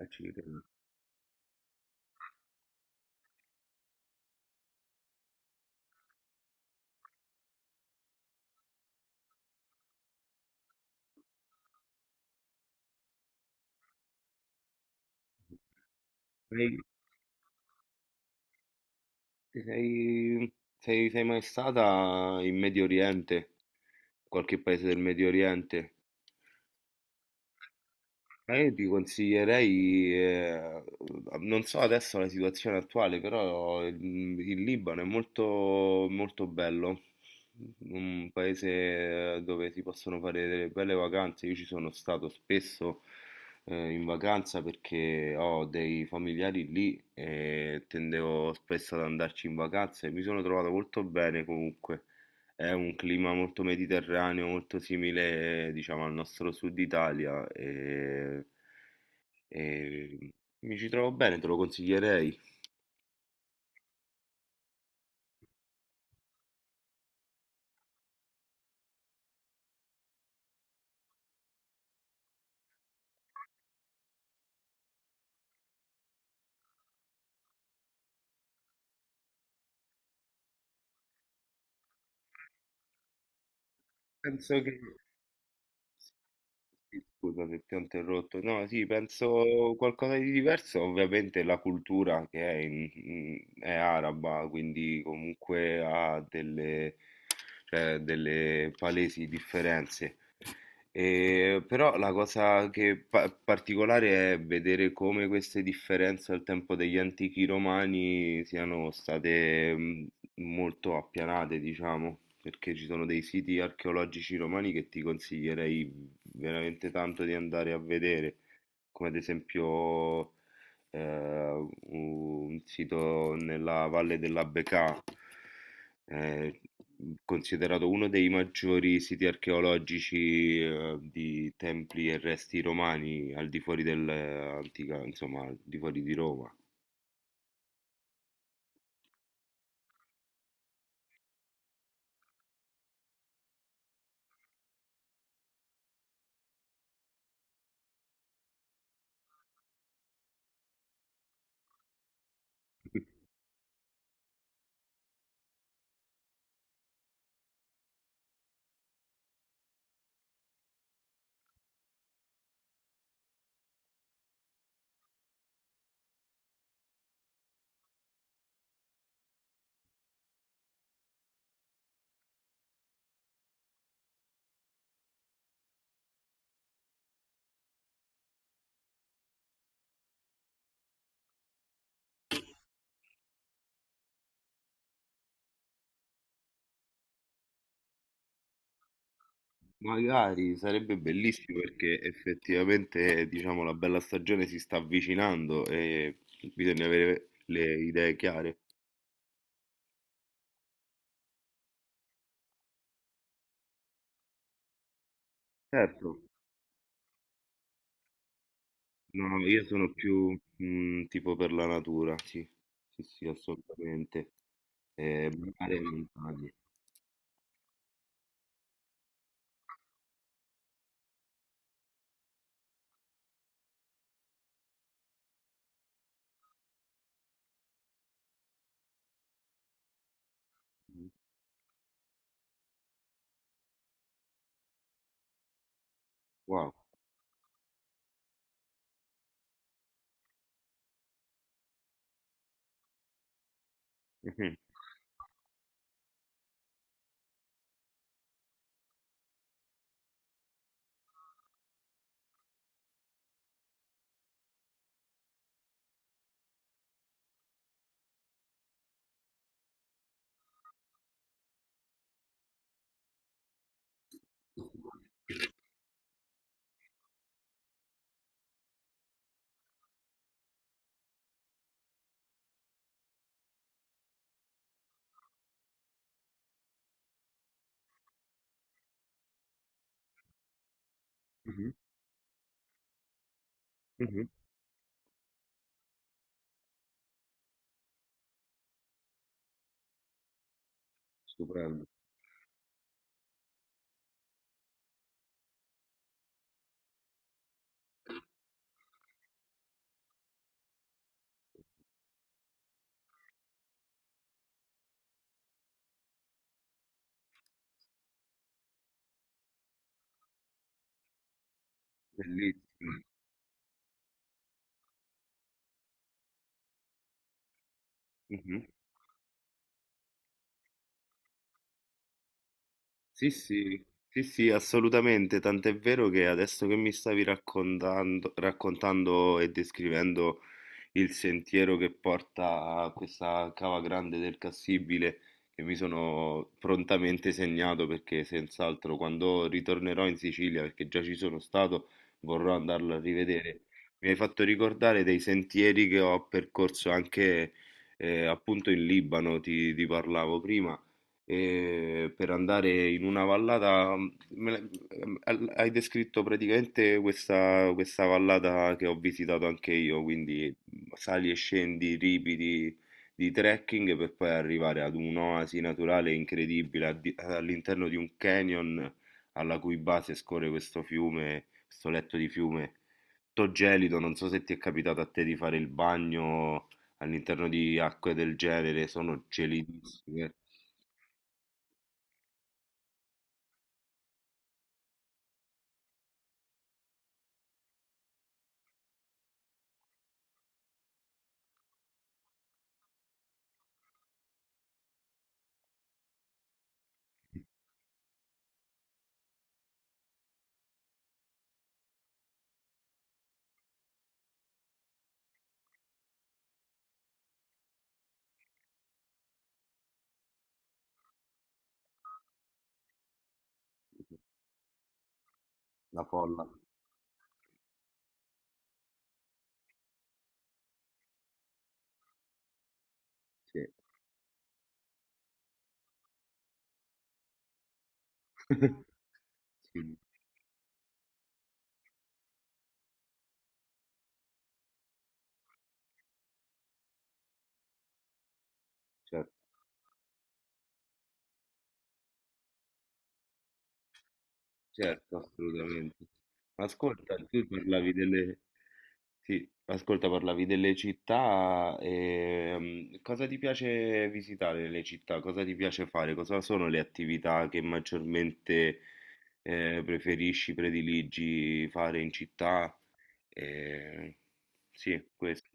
Accidenti. Sei, sei- sei mai stata in Medio Oriente? Qualche paese del Medio Oriente? Ma io ti consiglierei, non so adesso la situazione attuale, però il Libano è molto, molto bello, un paese dove si possono fare delle belle vacanze. Io ci sono stato spesso in vacanza perché ho dei familiari lì e tendevo spesso ad andarci in vacanza e mi sono trovato molto bene comunque. È un clima molto mediterraneo, molto simile, diciamo, al nostro sud Italia e mi ci trovo bene, te lo consiglierei. Penso che... sì, scusa se ti ho interrotto. No, sì, penso qualcosa di diverso. Ovviamente la cultura che è, è araba, quindi comunque ha delle, cioè, delle palesi differenze. E però la cosa che particolare è vedere come queste differenze al tempo degli antichi romani siano state molto appianate, diciamo, perché ci sono dei siti archeologici romani che ti consiglierei veramente tanto di andare a vedere, come ad esempio un sito nella Valle della Becà, eh, considerato uno dei maggiori siti archeologici di templi e resti romani al di fuori dell'antica, insomma, al di fuori di Roma. Magari sarebbe bellissimo perché effettivamente, diciamo, la bella stagione si sta avvicinando e bisogna avere le idee chiare. Certo. No, no, io sono più tipo per la natura, sì, sì, sì, assolutamente. Eh, mare e montagne. Wow. Mhm, mhm, mhm. Stupendo, bellissimo. Sì, sì, sì, sì, assolutamente, tant'è vero che adesso che mi stavi raccontando e descrivendo il sentiero che porta a questa cava grande del Cassibile, che mi sono prontamente segnato perché senz'altro quando ritornerò in Sicilia, perché già ci sono stato, vorrò andarlo a rivedere. Mi hai fatto ricordare dei sentieri che ho percorso anche appunto in Libano, ti parlavo prima per andare in una vallata. Me hai descritto praticamente questa vallata che ho visitato anche io, quindi sali e scendi ripidi di trekking per poi arrivare ad un'oasi naturale incredibile all'interno di un canyon alla cui base scorre questo fiume, questo letto di fiume. Tutto gelido, non so se ti è capitato a te di fare il bagno all'interno di acque del genere, sono gelidissime, la folla. Sì. Sì, certo, certo, assolutamente. Ascolta, tu parlavi delle... Sì, ascolta, parlavi delle città, cosa ti piace visitare nelle città? Cosa ti piace fare? Cosa sono le attività che maggiormente preferisci, prediligi fare in città? Eh, sì, questo.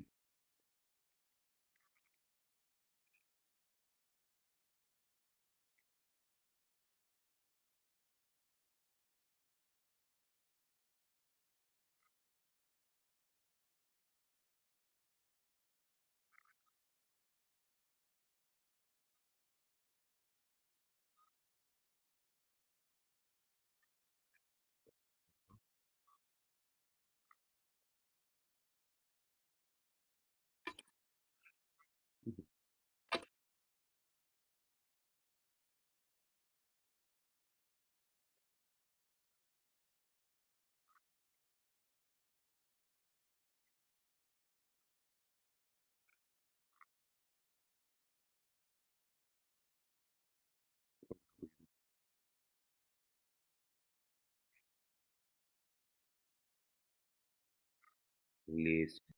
Bellissimo.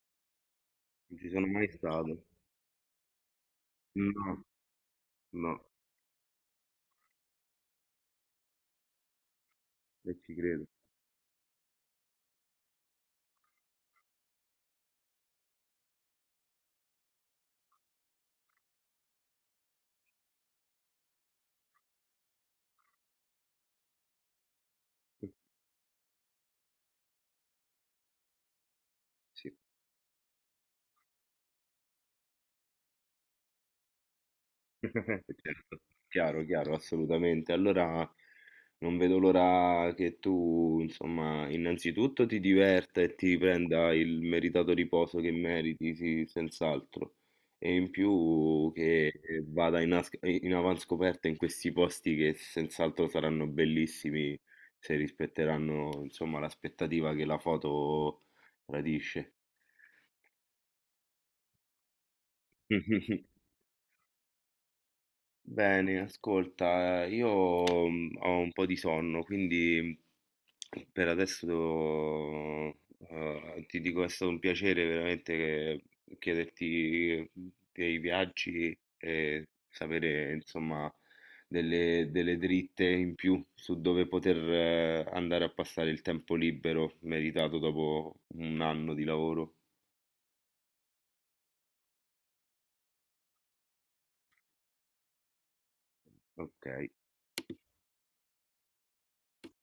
Non ci sono mai stato. No, no, e ci credo. Sì. Certo, chiaro, chiaro, assolutamente. Allora non vedo l'ora che tu, insomma, innanzitutto ti diverta e ti prenda il meritato riposo che meriti, sì, senz'altro. E in più che vada in, in avanscoperta in questi posti che senz'altro saranno bellissimi se rispetteranno, insomma, l'aspettativa che la foto tradisce. Bene, ascolta, io ho un po' di sonno, quindi per adesso ti dico è stato un piacere veramente chiederti dei viaggi e sapere insomma delle, delle dritte in più su dove poter andare a passare il tempo libero meritato dopo un anno di lavoro. Ok.